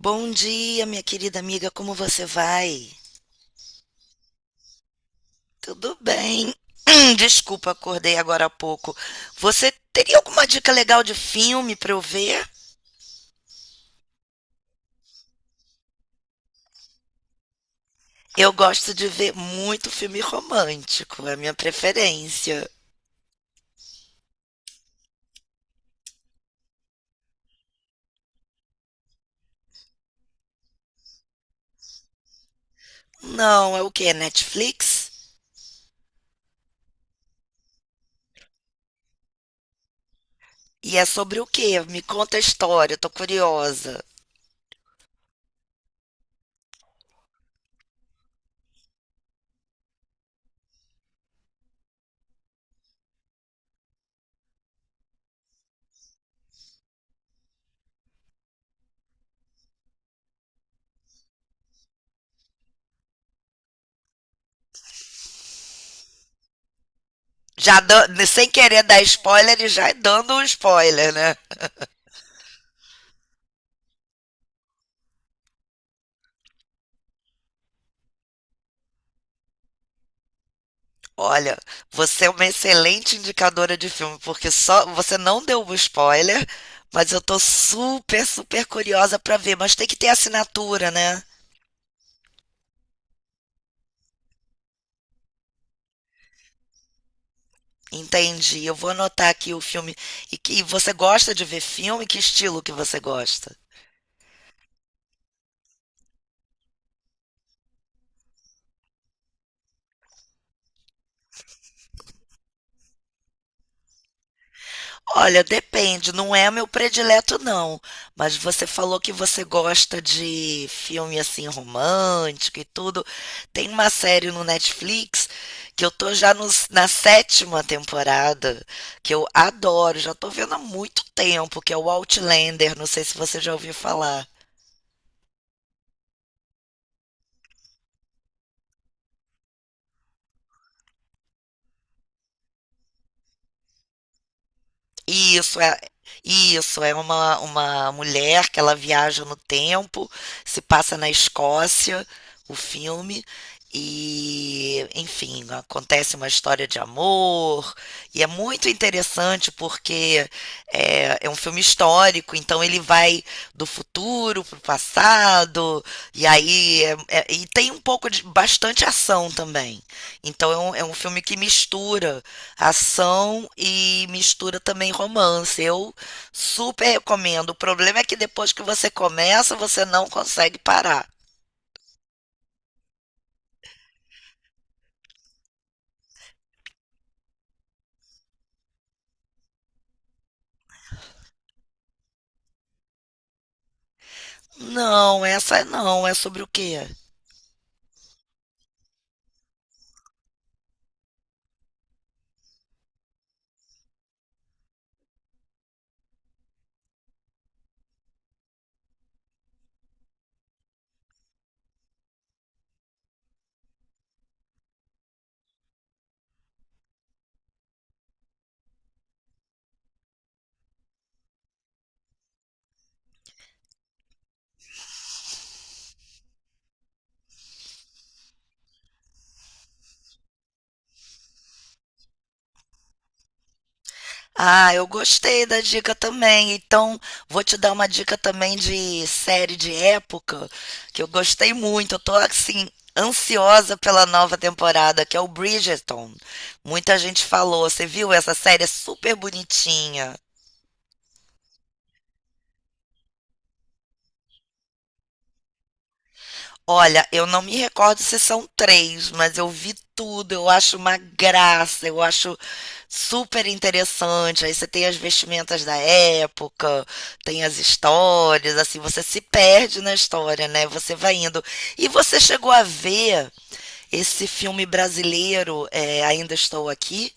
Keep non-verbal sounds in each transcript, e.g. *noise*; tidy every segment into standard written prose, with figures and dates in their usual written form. Bom dia, minha querida amiga, como você vai? Tudo bem. *clears throat* Desculpa, acordei agora há pouco. Você teria alguma dica legal de filme para eu ver? Eu gosto de ver muito filme romântico, é a minha preferência. Não, é o quê? Netflix? E é sobre o quê? Me conta a história, eu tô curiosa. Sem querer dar spoiler e já dando um spoiler, né? Olha, você é uma excelente indicadora de filme, porque só você não deu um spoiler, mas eu tô super, super curiosa pra ver. Mas tem que ter assinatura, né? Entendi. Eu vou anotar aqui o filme. E você gosta de ver filme? Que estilo que você gosta? Olha, depende, não é meu predileto não, mas você falou que você gosta de filme assim romântico e tudo. Tem uma série no Netflix que eu tô já na sétima temporada, que eu adoro, já tô vendo há muito tempo, que é o Outlander, não sei se você já ouviu falar. Isso é isso é uma mulher que ela viaja no tempo, se passa na Escócia, o filme e, enfim, acontece uma história de amor, e é muito interessante porque é um filme histórico, então ele vai do futuro para o passado, e aí e tem um pouco de bastante ação também. Então é um filme que mistura ação e mistura também romance. Eu super recomendo. O problema é que depois que você começa, você não consegue parar. Não, essa é não. É sobre o quê? Ah, eu gostei da dica também. Então, vou te dar uma dica também de série de época que eu gostei muito. Eu tô assim ansiosa pela nova temporada, que é o Bridgerton. Muita gente falou, você viu? Essa série é super bonitinha. Olha, eu não me recordo se são três, mas eu vi tudo. Eu acho uma graça, eu acho super interessante. Aí você tem as vestimentas da época, tem as histórias, assim, você se perde na história, né? Você vai indo. E você chegou a ver esse filme brasileiro, é, Ainda Estou Aqui?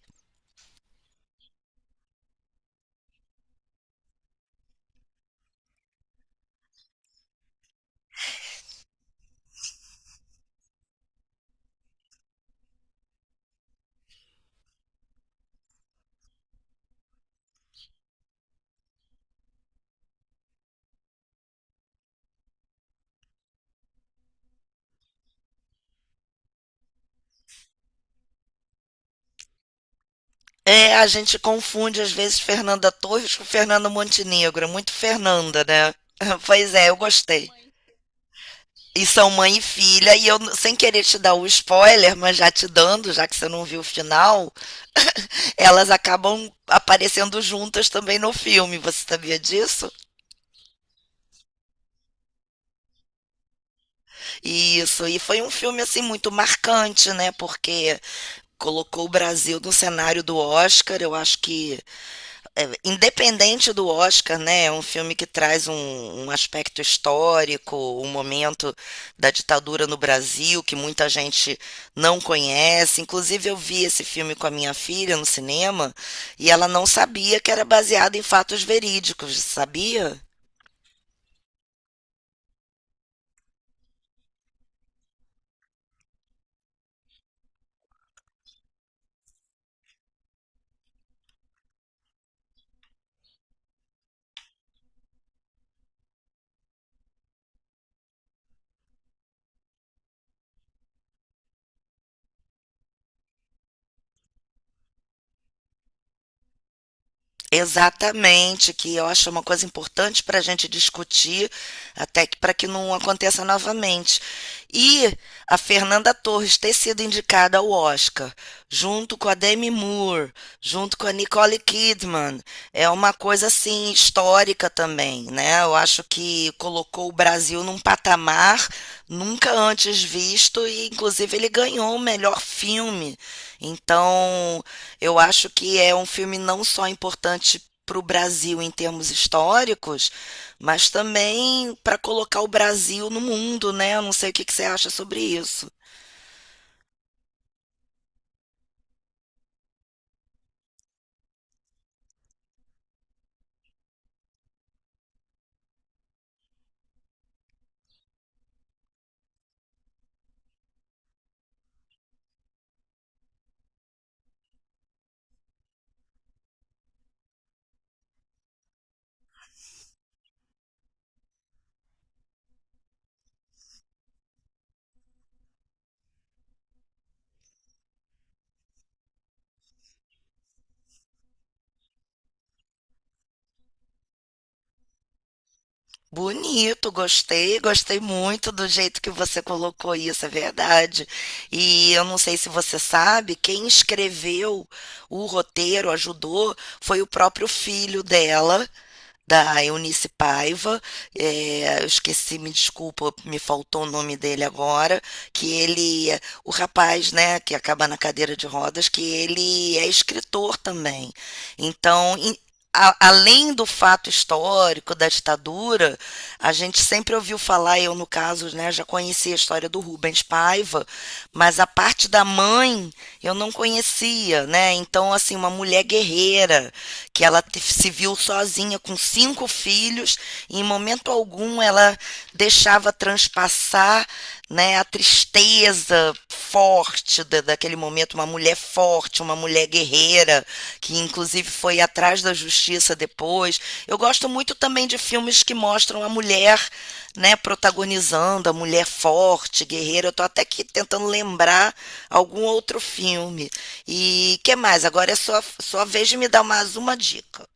É, a gente confunde às vezes Fernanda Torres com Fernando Montenegro. É muito Fernanda, né? *laughs* Pois é, eu gostei. E são mãe e filha, e eu, sem querer te dar o spoiler, mas já te dando, já que você não viu o final, elas acabam aparecendo juntas também no filme. Você sabia disso? Isso. E foi um filme, assim, muito marcante, né? Porque colocou o Brasil no cenário do Oscar. Eu acho que independente do Oscar, né? É um filme que traz um aspecto histórico, um momento da ditadura no Brasil que muita gente não conhece. Inclusive, eu vi esse filme com a minha filha no cinema e ela não sabia que era baseado em fatos verídicos, sabia? Exatamente, que eu acho uma coisa importante para a gente discutir, até que para que não aconteça novamente. E a Fernanda Torres ter sido indicada ao Oscar, junto com a Demi Moore, junto com a Nicole Kidman, é uma coisa assim histórica também, né? Eu acho que colocou o Brasil num patamar nunca antes visto e inclusive ele ganhou o melhor filme. Então, eu acho que é um filme não só importante para o Brasil em termos históricos, mas também para colocar o Brasil no mundo, né? Eu não sei o que que você acha sobre isso. Bonito, gostei, gostei muito do jeito que você colocou isso, é verdade. E eu não sei se você sabe, quem escreveu o roteiro, ajudou, foi o próprio filho dela, da Eunice Paiva, eu esqueci, me desculpa, me faltou o nome dele agora, que ele, o rapaz, né, que acaba na cadeira de rodas, que ele é escritor também. Então, além do fato histórico da ditadura, a gente sempre ouviu falar, eu no caso, né, já conhecia a história do Rubens Paiva, mas a parte da mãe eu não conhecia, né? Então, assim, uma mulher guerreira que ela se viu sozinha com cinco filhos e em momento algum ela deixava transpassar, né, a tristeza forte daquele momento, uma mulher forte, uma mulher guerreira, que inclusive foi atrás a justiça depois. Eu gosto muito também de filmes que mostram a mulher, né, protagonizando, a mulher forte, guerreira. Eu tô até aqui tentando lembrar algum outro filme. E que mais? Agora é sua vez de me dar mais uma dica.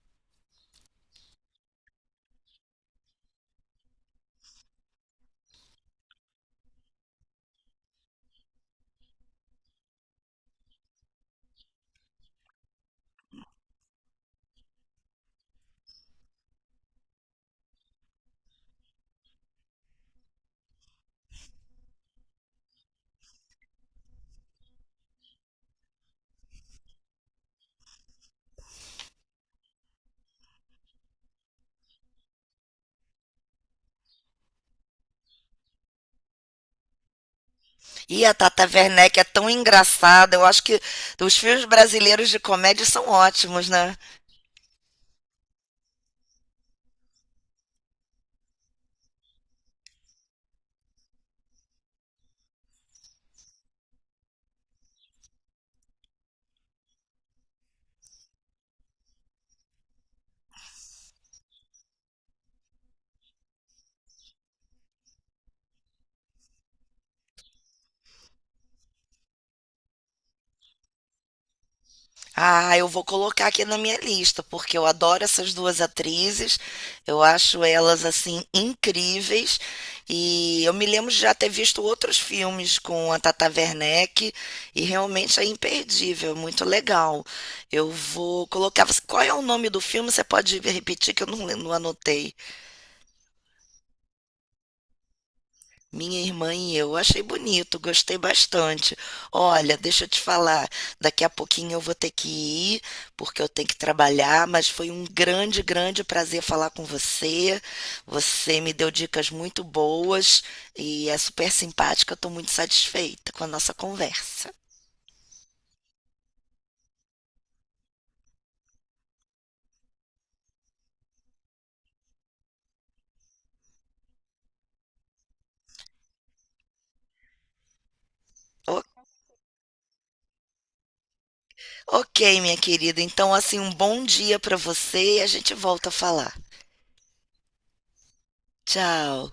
E a Tata Werneck é tão engraçada. Eu acho que os filmes brasileiros de comédia são ótimos, né? Ah, eu vou colocar aqui na minha lista, porque eu adoro essas duas atrizes, eu acho elas assim incríveis. E eu me lembro de já ter visto outros filmes com a Tata Werneck e realmente é imperdível, muito legal. Eu vou colocar. Qual é o nome do filme? Você pode repetir que eu não anotei. Minha irmã e eu. Achei bonito, gostei bastante. Olha, deixa eu te falar, daqui a pouquinho eu vou ter que ir, porque eu tenho que trabalhar, mas foi um grande, grande prazer falar com você. Você me deu dicas muito boas e é super simpática. Eu estou muito satisfeita com a nossa conversa. O- ok, minha querida. Então, assim, um bom dia para você e a gente volta a falar. Tchau.